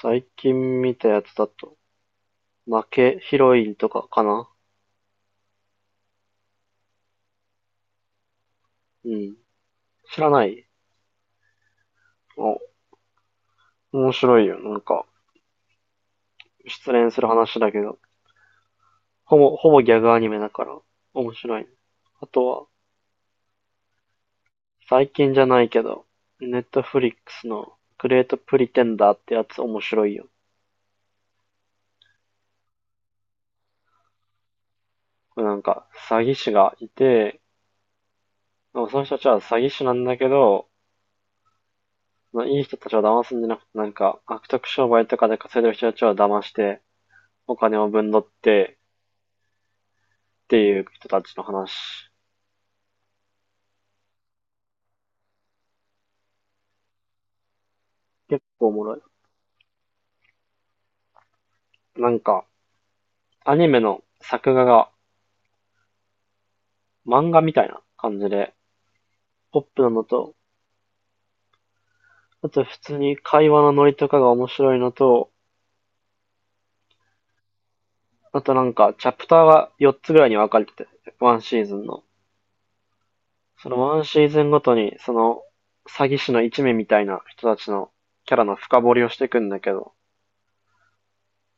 最近見たやつだと、負けヒロインとかかな。うん。知らない？あ、面白いよ。なんか、失恋する話だけど、ほぼギャグアニメだから、面白い。あとは、最近じゃないけど、ネットフリックスのグレートプリテンダーってやつ面白いよ。これなんか、詐欺師がいて、その人たちは詐欺師なんだけど、いい人たちを騙すんじゃなくて、なんか、悪徳商売とかで稼いでる人たちを騙して、お金をぶんどって、っていう人たちの話。結構おもろい。なんか、アニメの作画が漫画みたいな感じで、ポップなのと、あと普通に会話のノリとかが面白いのと、あとなんか、チャプターが4つぐらいに分かれてて、ワンシーズンの。そのワンシーズンごとに、その、詐欺師の一味みたいな人たちのキャラの深掘りをしていくんだけど、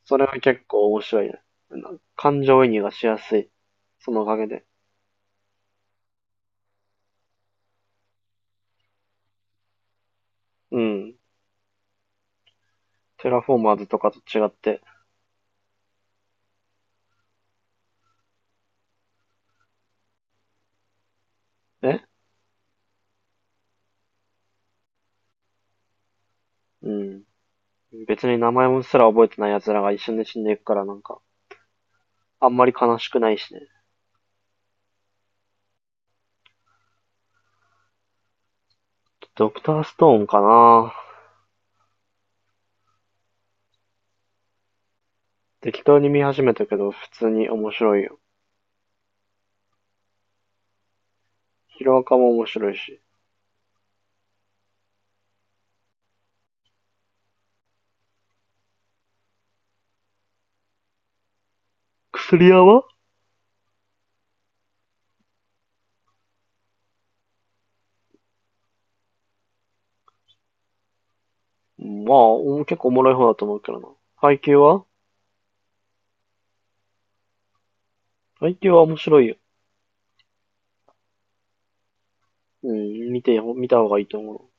それは結構面白いね。感情移入がしやすい。そのおかげで。うん。テラフォーマーズとかと違って。え。うん。別に名前もすら覚えてない奴らが一緒に死んでいくからなんか、あんまり悲しくないしね。ドクターストーンかな。適当に見始めたけど、普通に面白いよ。ヒロアカも面白いし。薬屋は？まあ、結構おもろい方だと思うけどな。配給は？配給は面白いよ。うん、見た方がいいと思う。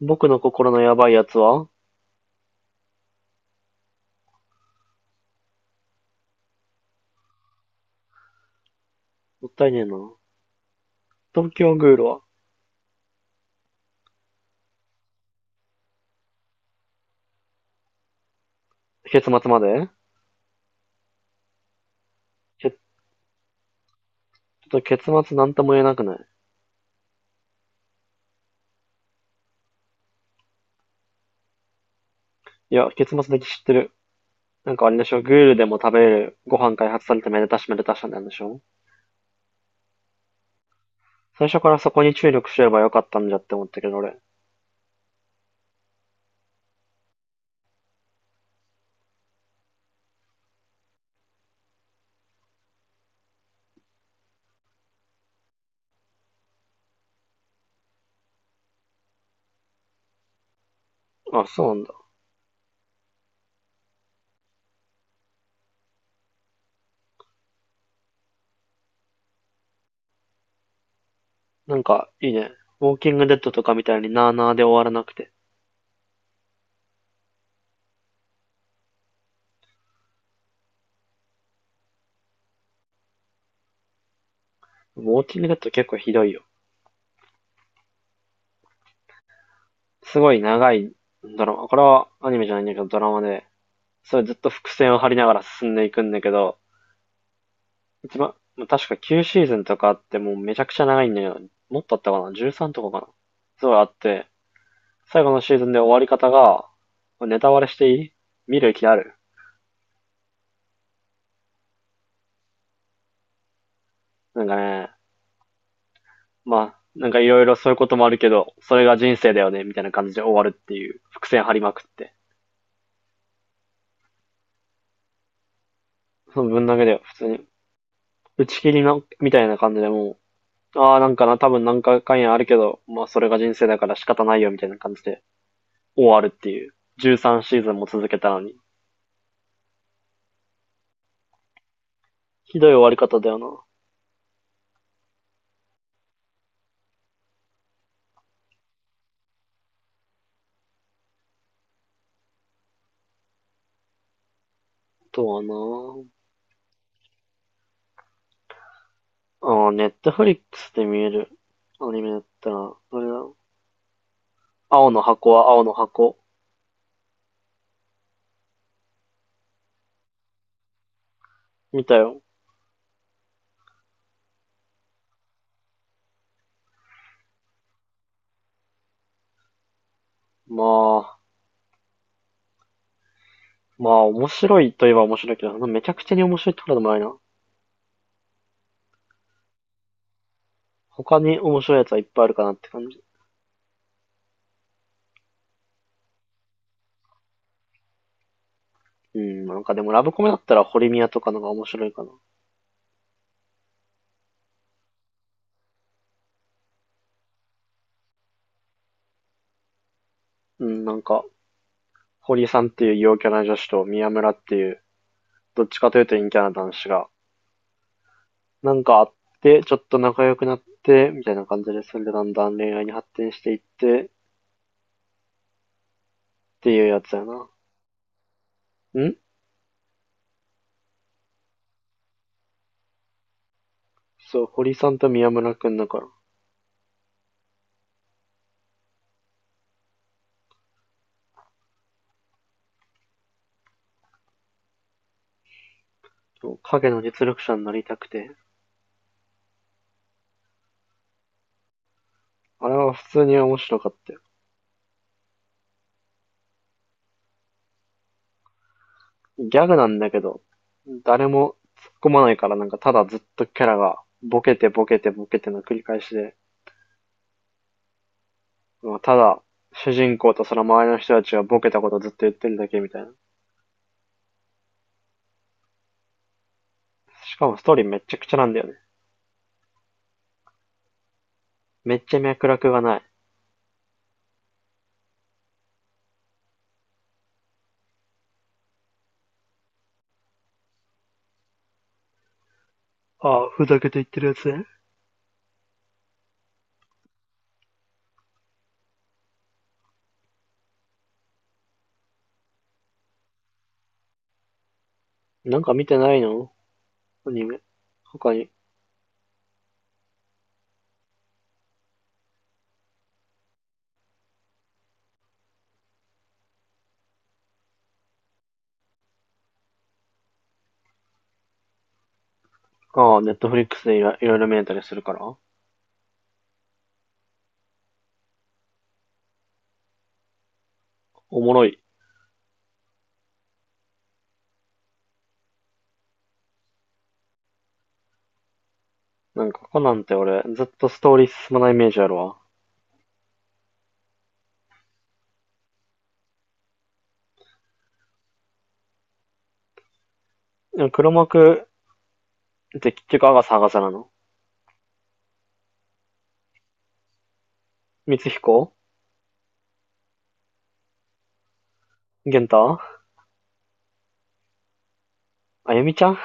僕の心のやばいやつはもったいねえな。東京グールは？結末まで？け結末なんとも言えなくない？いや、結末だけ知ってる。なんかあれでしょ、グールでも食べれるご飯開発されてめでたしめでたしなんでしょ？最初からそこに注力すればよかったんじゃって思ったけど俺。あ、そうなんだ。なんかいいね。ウォーキングデッドとかみたいになーなーで終わらなくて。ウォーキングデッド結構ひどいよ。すごい長いドラマ。これはアニメじゃないんだけどドラマで、それずっと伏線を張りながら進んでいくんだけど、一番、ま確か9シーズンとかあってもうめちゃくちゃ長いんだよ。もっとあったかな？ 13 とかかな？すごいあって、最後のシーズンで終わり方が、ネタバレしていい？見る気ある？なんかね、まあ、なんかいろいろそういうこともあるけど、それが人生だよね、みたいな感じで終わるっていう、伏線張りまくって。その分だけだよ、普通に。打ち切りなみたいな感じでもう、ああ、なんかな、多分なんか関やあるけど、まあそれが人生だから仕方ないよ、みたいな感じで終わるっていう。13シーズンも続けたのに。ひどい終わり方だよな。とはな。ああ、ネットフリックスで見えるアニメだったら、あれだ。青の箱は？青の箱。見たよ。まあ、まあ面白いといえば面白いけど、めちゃくちゃに面白いってことでもないな。他に面白いやつはいっぱいあるかなって感じ。うん、なんかでもラブコメだったら堀宮とかのが面白いかな。うん、なんか、堀さんっていう陽キャな女子と宮村っていう、どっちかというと陰キャな男子が、なんかあって、ちょっと仲良くなって、みたいな感じで、それでだんだん恋愛に発展していって、っていうやつやな。ん。そう、堀さんと宮村くんだから。影の実力者になりたくて、あれは普通に面白かったよ。ギャグなんだけど、誰も突っ込まないからなんかただずっとキャラがボケてボケてボケての繰り返しで、まあただ主人公とその周りの人たちがボケたことをずっと言ってるだけみたいな。しかもストーリーめっちゃくちゃなんだよね。めっちゃ脈絡がない。ああ、ふざけて言ってるやつね。なんか見てないの？アニメ。他に。ああ、ネットフリックスでいろいろ見れたりするから。おもろい。なんかコナンって俺、ずっとストーリー進まないイメージあるわ。でも黒幕で、結局、アガサ、アガサなの？光彦？玄太？あゆみちゃん？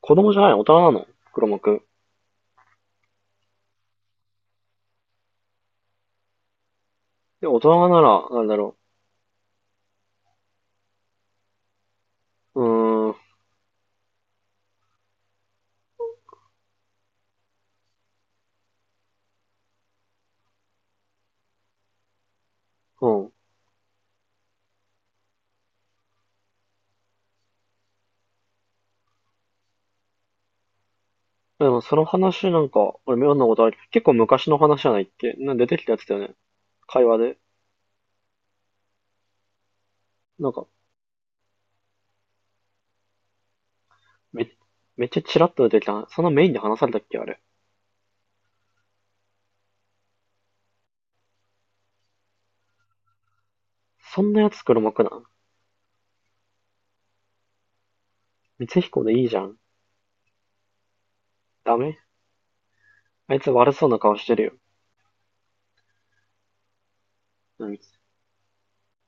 子供じゃない大人なの、黒幕。で、大人なら、なんだろう。うーん、うん。でも、その話なんか、俺妙なことある。結構昔の話じゃないっけ？なんか出てきたやつだよね。会話で。なんか、め、めっちゃチラッと出てきた。そんなメインで話されたっけ、あれ。そんなやつ黒幕なん？光彦でいいじゃん。ダメ？あいつ悪そうな顔してるよ。うん。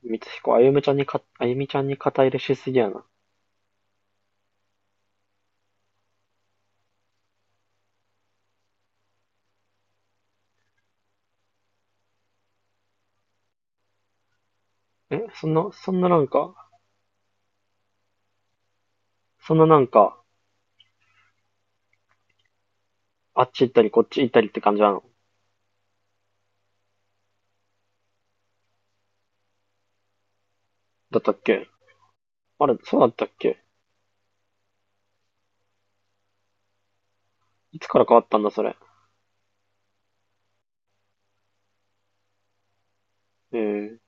光彦、あゆみちゃんにか、あゆみちゃんに肩入れしすぎやな。え、そんななんか、そんななんか、あっち行ったりこっち行ったりって感じなの？だったっけ？あれ、そうだったっけ？いつから変わったんだ、それ。えー